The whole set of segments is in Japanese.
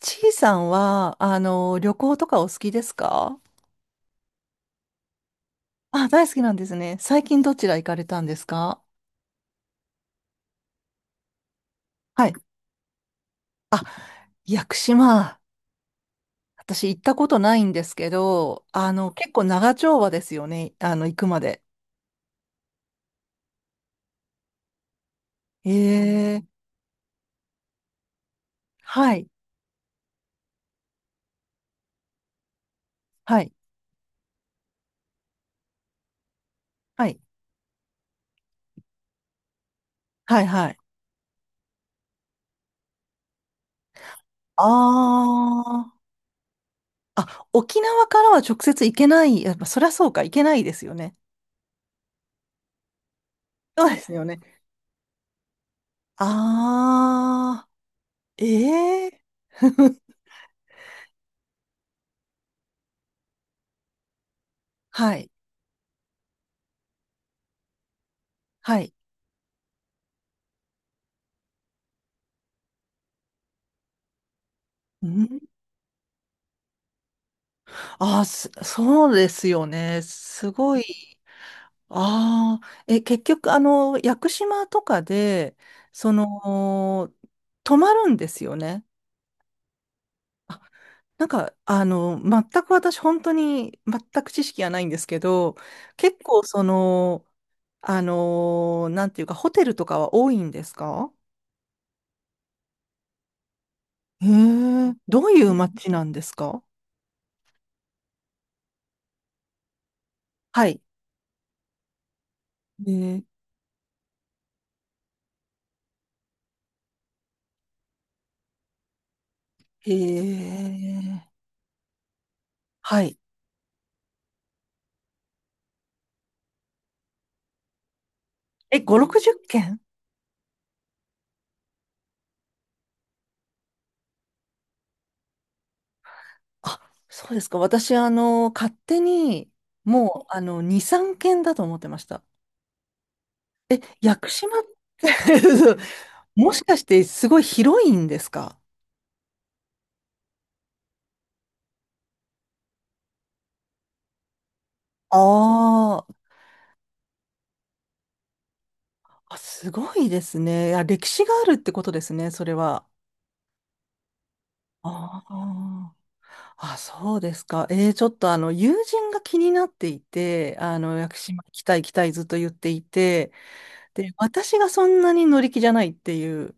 ちいさんは、旅行とかお好きですか？あ、大好きなんですね。最近どちら行かれたんですか？はい。屋久島。私行ったことないんですけど、結構長丁場ですよね。行くまで。ええはい。はい。はい。はい。はい。あーあ、沖縄からは直接行けない。やっぱ、そりゃそうか、行けないですよね。そうですよね。ああ、ええ はい。はい。うん。ああ、そうですよね。すごい。ああ、え、結局、屋久島とかで、その、泊まるんですよね。あ、なんか、全く私、本当に、全く知識がないんですけど、結構、なんていうか、ホテルとかは多いんですか？へえ、どういう街なんですか？はい。へえ、へえはい。え、5、60軒？あ、そうですか。私、勝手に、もう、2、3軒だと思ってました。え、屋久島って もしかしてすごい広いんですか？あーあ、すごいですね。いや、歴史があるってことですね、それは。ああ、あ、そうですか。ちょっと友人が気になっていて、屋久島行きたい行きたいずっと言っていて、で、私がそんなに乗り気じゃないっていう。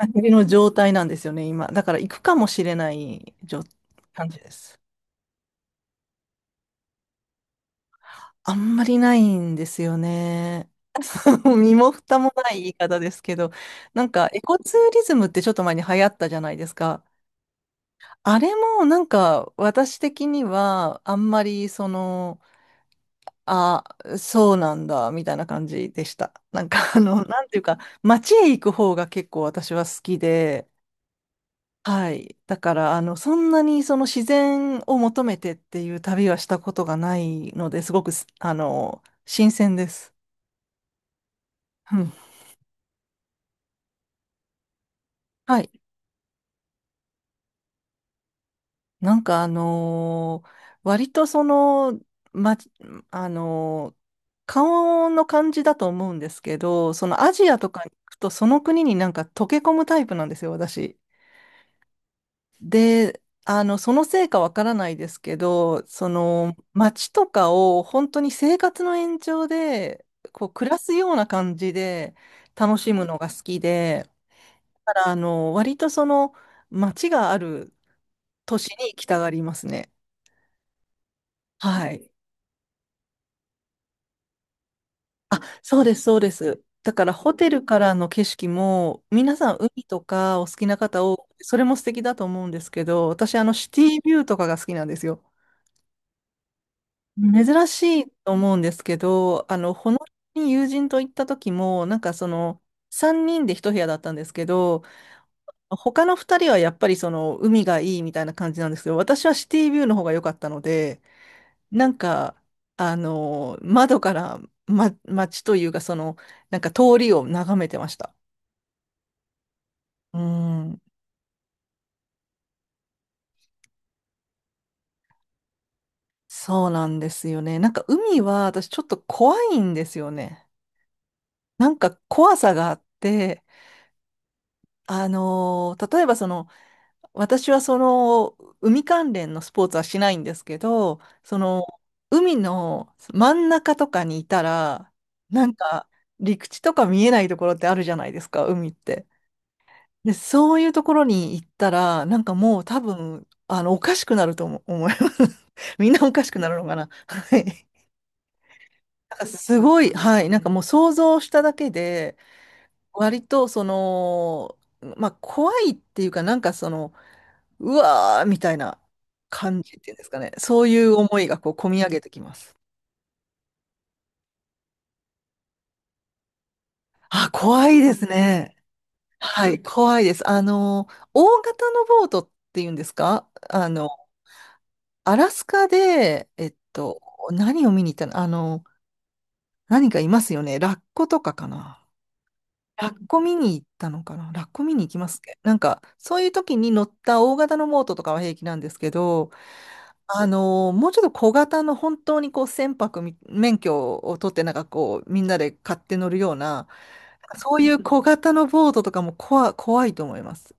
感じの状態なんですよね、今。だから行くかもしれない感じです。あんまりないんですよね。身も蓋もない言い方ですけど、なんかエコツーリズムってちょっと前に流行ったじゃないですか。あれもなんか私的にはあんまりあ、そうなんだみたいな感じでした。なんかなんていうか、街へ行く方が結構私は好きで、はい。だから、そんなにその自然を求めてっていう旅はしたことがないので、すごくす、あの、新鮮です。うん。はい。なんか、割とま、あのー顔の感じだと思うんですけど、アジアとか行くと、その国になんか溶け込むタイプなんですよ、私。で、そのせいかわからないですけど、街とかを本当に生活の延長で、こう、暮らすような感じで楽しむのが好きで、だから、あの、割とその、街がある都市に行きたがりますね。はい。あ、そうです、そうです。だから、ホテルからの景色も、皆さん、海とかお好きな方多くて、それも素敵だと思うんですけど、私、シティビューとかが好きなんですよ。珍しいと思うんですけど、あの、ほのに友人と行った時も、なんか3人で一部屋だったんですけど、他の2人はやっぱり海がいいみたいな感じなんですけど、私はシティビューの方が良かったので、なんか、窓から、ま、街というか、なんか通りを眺めてました。うん、そうなんですよね。なんか海は私ちょっと怖いんですよね。なんか怖さがあって、例えば私はその海関連のスポーツはしないんですけど、その海の真ん中とかにいたら、なんか陸地とか見えないところってあるじゃないですか、海って。で、そういうところに行ったら、なんかもう多分、おかしくなると思います。みんなおかしくなるのかな。はい。なんかすごい、はい。なんかもう想像しただけで、割とまあ怖いっていうか、なんかうわーみたいな感じっていうんですかね。そういう思いがこう、込み上げてきます。あ、怖いですね。はい、怖いです。大型のボートっていうんですかアラスカで、何を見に行ったの何かいますよね。ラッコとかかな。ラッコ見に行ったのかなラッコ見に行きますね。なんか、そういう時に乗った大型のボートとかは平気なんですけど、もうちょっと小型の本当にこう船舶免許を取ってなんかこうみんなで買って乗るような、そういう小型のボートとかも怖いと思います。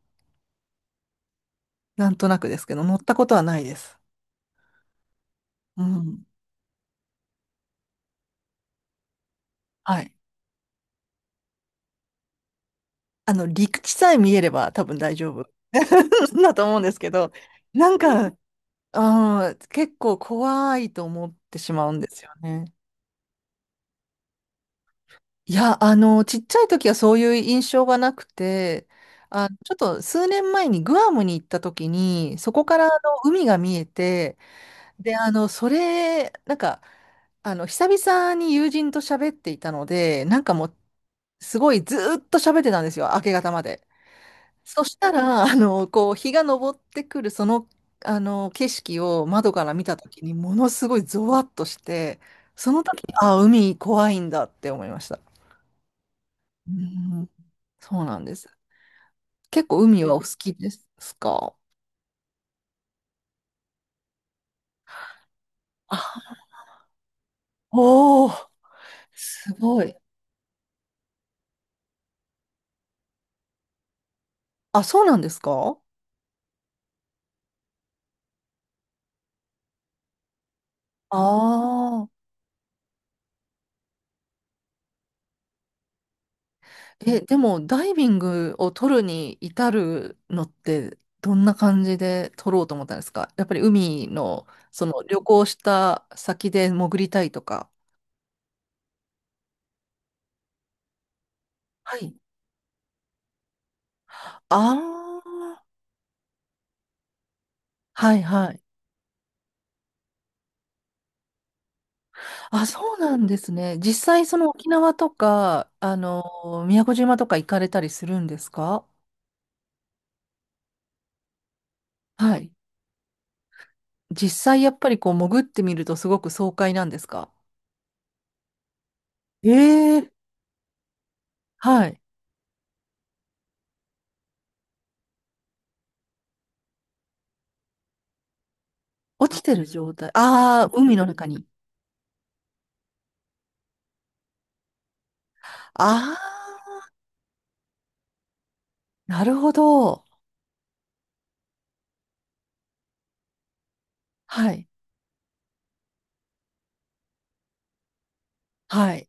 なんとなくですけど、乗ったことはないです。うん。はい。陸地さえ見えれば多分大丈夫 だと思うんですけど、なんかうん、結構怖いと思ってしまうんですよね。いや、ちっちゃい時はそういう印象がなくて、あ、ちょっと数年前にグアムに行った時に、そこからあの海が見えて、で、それ、なんか、久々に友人と喋っていたので、なんかもう、すごいずーっと喋ってたんですよ、明け方まで。そしたら、こう、日が昇ってくるその、景色を窓から見たときに、ものすごいゾワッとして、その時、にあ、海怖いんだって思いました。うん、そうなんです。結構海はお好きですか？あ、おお、すごい。あ、そうなんですか？ああー。え、でもダイビングを取るに至るのってどんな感じで取ろうと思ったんですか？やっぱり海のその旅行した先で潜りたいとか。はい。ああ、はいはい。あ、そうなんですね。実際沖縄とか、宮古島とか行かれたりするんですか？はい。実際やっぱりこう潜ってみるとすごく爽快なんですか？ええはい。落ちてる状態。ああ、海の中に。ああ。なるほど。はい。はい。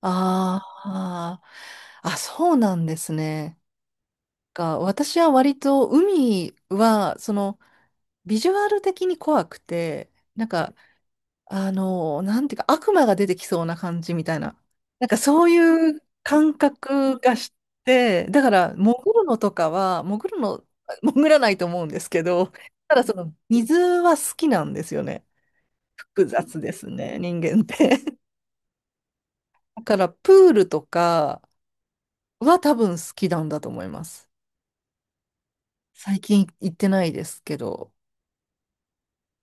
ああ、あ、そうなんですね。が、私は割と海は、ビジュアル的に怖くて、なんか、なんていうか、悪魔が出てきそうな感じみたいな。なんかそういう感覚がして、だから、潜るのとかは、潜るの、潜らないと思うんですけど、ただ水は好きなんですよね。複雑ですね、人間って。だからプールとかは多分好きなんだと思います。最近行ってないですけど。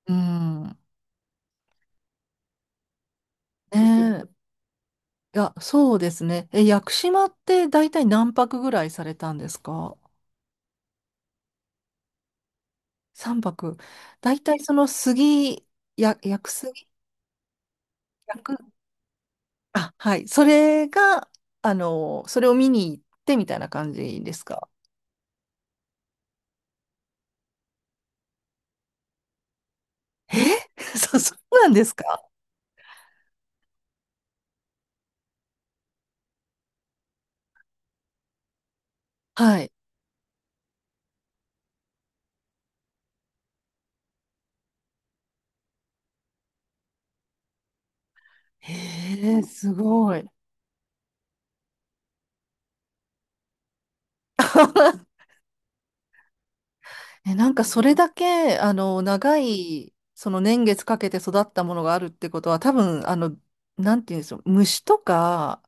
うん。ねえ。いや、そうですね。え、屋久島って大体何泊ぐらいされたんですか？ 3 泊。大体その杉、屋久杉、屋久、あ、はい。それが、それを見に行ってみたいな感じですか？え そうなんですか？はい。へえ、すごい。え、なんかそれだけ、長い、その年月かけて育ったものがあるってことは、多分、なんていうんでしょう、虫とか、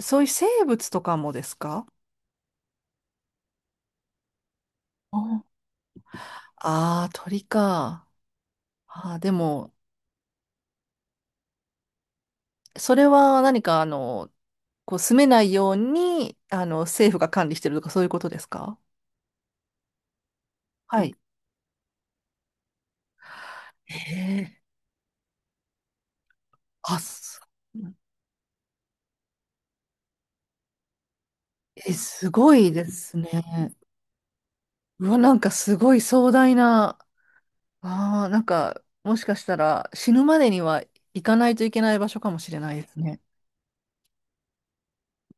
そういう生物とかもですか？ああー、鳥か。あーでも、それは何か、こう、住めないように、政府が管理してるとか、そういうことですか？はい。ええあ、え、すごいですね。うわ、なんかすごい壮大な。ああ、なんか、もしかしたら死ぬまでには行かないといけない場所かもしれないですね。